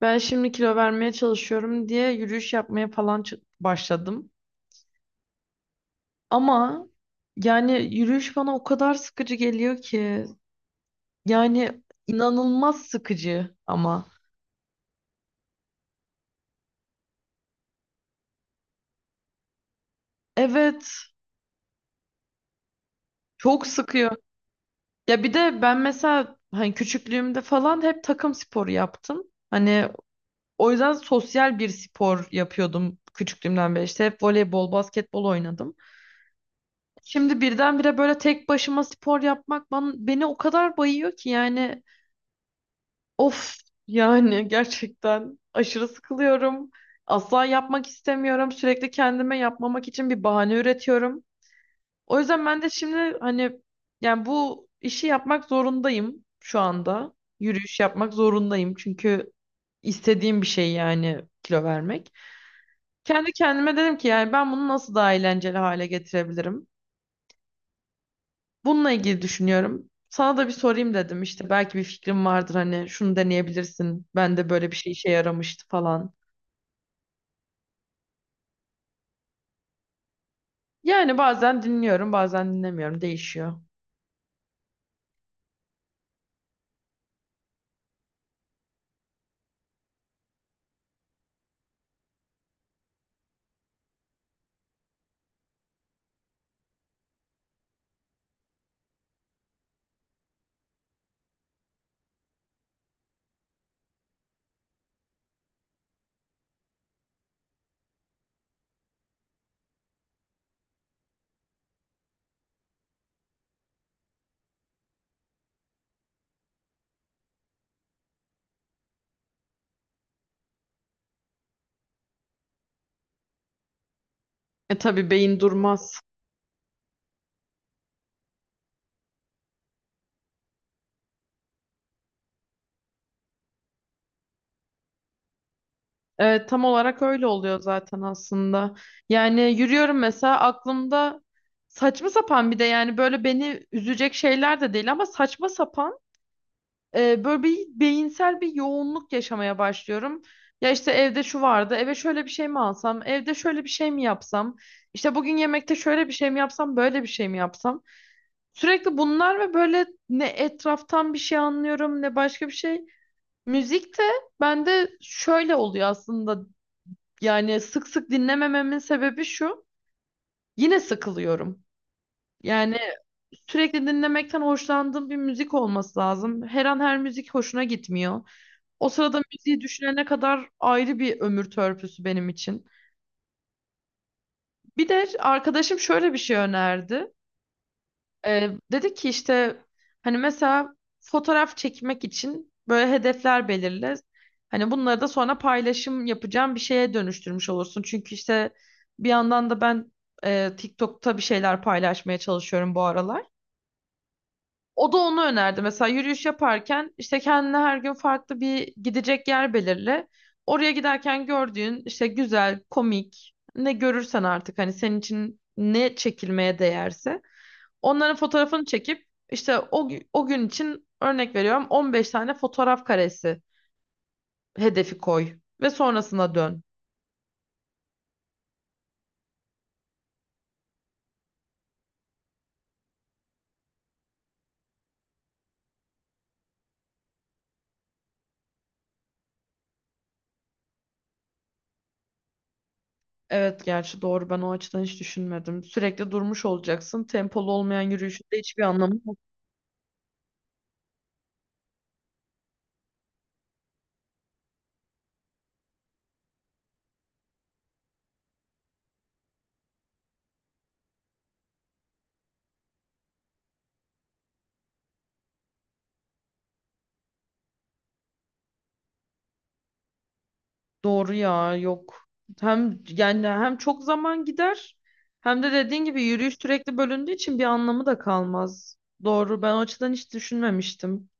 Ben şimdi kilo vermeye çalışıyorum diye yürüyüş yapmaya falan başladım. Ama yani yürüyüş bana o kadar sıkıcı geliyor ki. Yani inanılmaz sıkıcı ama. Evet, çok sıkıyor. Ya bir de ben mesela hani küçüklüğümde falan hep takım sporu yaptım. Hani o yüzden sosyal bir spor yapıyordum küçüklüğümden beri. İşte hep voleybol, basketbol oynadım. Şimdi birdenbire böyle tek başıma spor yapmak bana, beni o kadar bayıyor ki yani of, yani gerçekten aşırı sıkılıyorum. Asla yapmak istemiyorum. Sürekli kendime yapmamak için bir bahane üretiyorum. O yüzden ben de şimdi hani yani bu işi yapmak zorundayım şu anda. Yürüyüş yapmak zorundayım çünkü istediğim bir şey yani kilo vermek. Kendi kendime dedim ki yani ben bunu nasıl daha eğlenceli hale getirebilirim? Bununla ilgili düşünüyorum. Sana da bir sorayım dedim işte belki bir fikrim vardır hani şunu deneyebilirsin. Ben de böyle bir şey işe yaramıştı falan. Yani bazen dinliyorum bazen dinlemiyorum, değişiyor. E tabii beyin durmaz. E, tam olarak öyle oluyor zaten aslında. Yani yürüyorum mesela aklımda saçma sapan, bir de yani böyle beni üzecek şeyler de değil ama saçma sapan, böyle bir beyinsel bir yoğunluk yaşamaya başlıyorum. Ya işte evde şu vardı, eve şöyle bir şey mi alsam, evde şöyle bir şey mi yapsam, işte bugün yemekte şöyle bir şey mi yapsam, böyle bir şey mi yapsam. Sürekli bunlar ve böyle ne etraftan bir şey anlıyorum ne başka bir şey. Müzik de bende şöyle oluyor aslında, yani sık sık dinlemememin sebebi şu. Yine sıkılıyorum. Yani sürekli dinlemekten hoşlandığım bir müzik olması lazım. Her an her müzik hoşuna gitmiyor. O sırada müziği düşünene kadar ayrı bir ömür törpüsü benim için. Bir de arkadaşım şöyle bir şey önerdi. Dedi ki işte hani mesela fotoğraf çekmek için böyle hedefler belirle. Hani bunları da sonra paylaşım yapacağım bir şeye dönüştürmüş olursun. Çünkü işte bir yandan da ben TikTok'ta bir şeyler paylaşmaya çalışıyorum bu aralar. O da onu önerdi. Mesela yürüyüş yaparken işte kendine her gün farklı bir gidecek yer belirle. Oraya giderken gördüğün işte güzel, komik ne görürsen artık hani senin için ne çekilmeye değerse onların fotoğrafını çekip işte o gün için örnek veriyorum 15 tane fotoğraf karesi hedefi koy ve sonrasına dön. Evet gerçi doğru, ben o açıdan hiç düşünmedim. Sürekli durmuş olacaksın. Tempolu olmayan yürüyüşün de hiçbir anlamı yok. Doğru ya, yok. Hem yani hem çok zaman gider, hem de dediğin gibi yürüyüş sürekli bölündüğü için bir anlamı da kalmaz. Doğru, ben o açıdan hiç düşünmemiştim.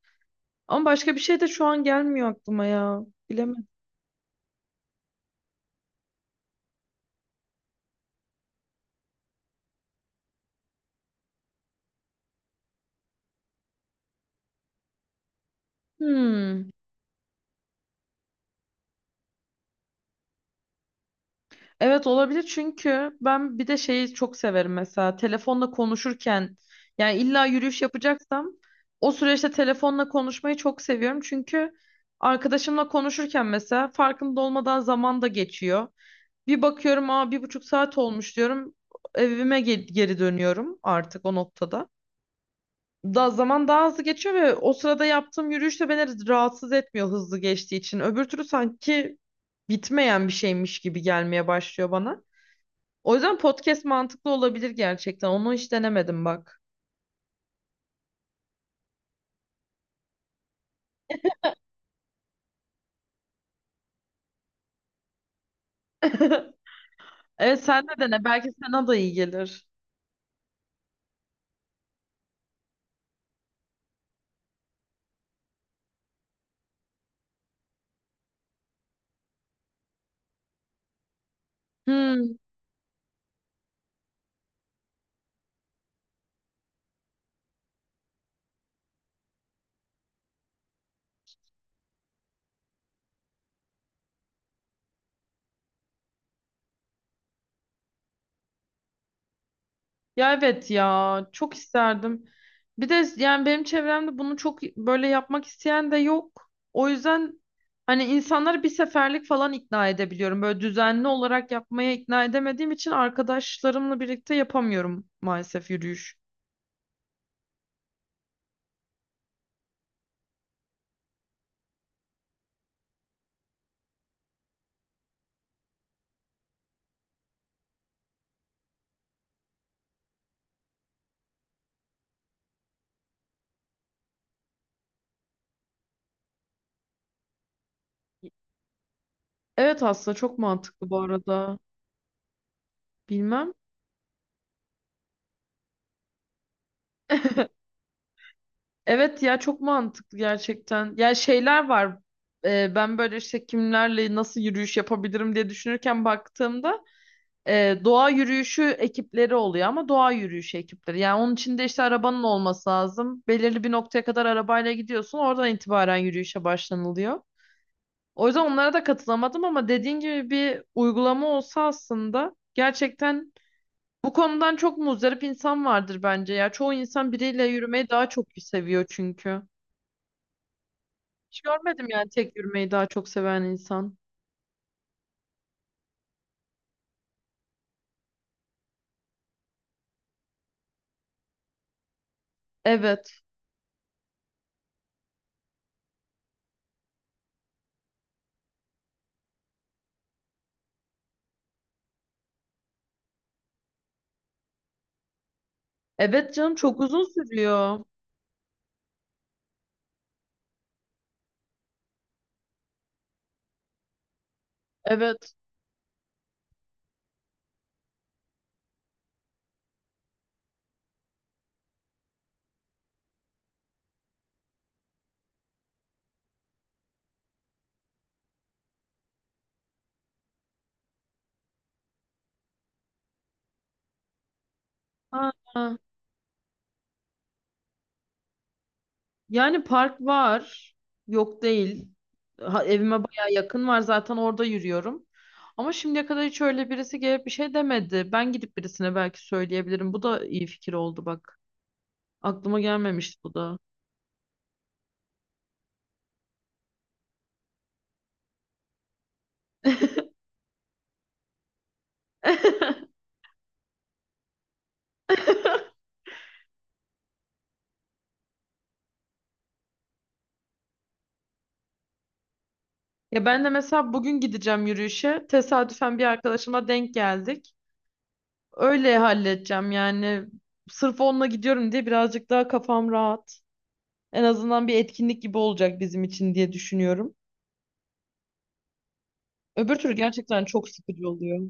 Ama başka bir şey de şu an gelmiyor aklıma ya. Bilemedim. Hmm. Evet olabilir, çünkü ben bir de şeyi çok severim, mesela telefonla konuşurken, yani illa yürüyüş yapacaksam o süreçte telefonla konuşmayı çok seviyorum çünkü arkadaşımla konuşurken mesela farkında olmadan zaman da geçiyor. Bir bakıyorum aa bir buçuk saat olmuş diyorum, evime geri dönüyorum artık o noktada. Da zaman daha hızlı geçiyor ve o sırada yaptığım yürüyüş de beni rahatsız etmiyor hızlı geçtiği için. Öbür türlü sanki bitmeyen bir şeymiş gibi gelmeye başlıyor bana. O yüzden podcast mantıklı olabilir gerçekten. Onu hiç denemedim bak. Evet sen de dene. Belki sana da iyi gelir. Hmm, ya evet ya çok isterdim. Bir de yani benim çevremde bunu çok böyle yapmak isteyen de yok. O yüzden hani insanları bir seferlik falan ikna edebiliyorum. Böyle düzenli olarak yapmaya ikna edemediğim için arkadaşlarımla birlikte yapamıyorum maalesef yürüyüş. Evet aslında çok mantıklı bu arada. Bilmem. Evet ya, çok mantıklı gerçekten. Ya şeyler var. Ben böyle işte kimlerle nasıl yürüyüş yapabilirim diye düşünürken baktığımda doğa yürüyüşü ekipleri oluyor ama doğa yürüyüşü ekipleri. Yani onun için de işte arabanın olması lazım. Belirli bir noktaya kadar arabayla gidiyorsun. Oradan itibaren yürüyüşe başlanılıyor. O yüzden onlara da katılamadım ama dediğin gibi bir uygulama olsa aslında gerçekten bu konudan çok muzdarip insan vardır bence ya. Çoğu insan biriyle yürümeyi daha çok seviyor çünkü. Hiç görmedim yani tek yürümeyi daha çok seven insan. Evet. Evet canım, çok uzun sürüyor. Evet. Ha, ha. Yani park var. Yok değil. Ha, evime baya yakın var, zaten orada yürüyorum. Ama şimdiye kadar hiç öyle birisi gelip bir şey demedi. Ben gidip birisine belki söyleyebilirim. Bu da iyi fikir oldu bak. Aklıma gelmemişti bu da. Ya ben de mesela bugün gideceğim yürüyüşe. Tesadüfen bir arkadaşıma denk geldik. Öyle halledeceğim yani. Sırf onunla gidiyorum diye birazcık daha kafam rahat. En azından bir etkinlik gibi olacak bizim için diye düşünüyorum. Öbür türlü gerçekten çok sıkıcı oluyor.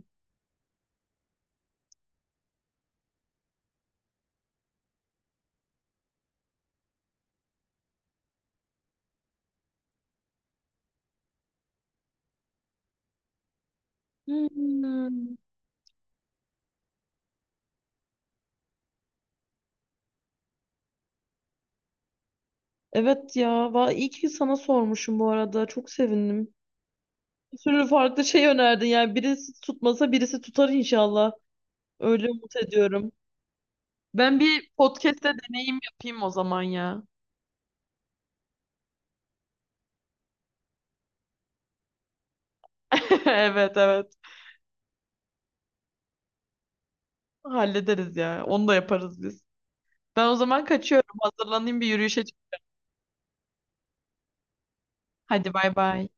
Hmm. Evet ya. İyi ki sana sormuşum bu arada. Çok sevindim. Bir sürü farklı şey önerdin. Yani birisi tutmasa birisi tutar inşallah. Öyle umut ediyorum. Ben bir podcast'te deneyim yapayım o zaman ya. Evet evet. Hallederiz ya. Onu da yaparız biz. Ben o zaman kaçıyorum. Hazırlanayım bir yürüyüşe. Çık- Hadi bay bay.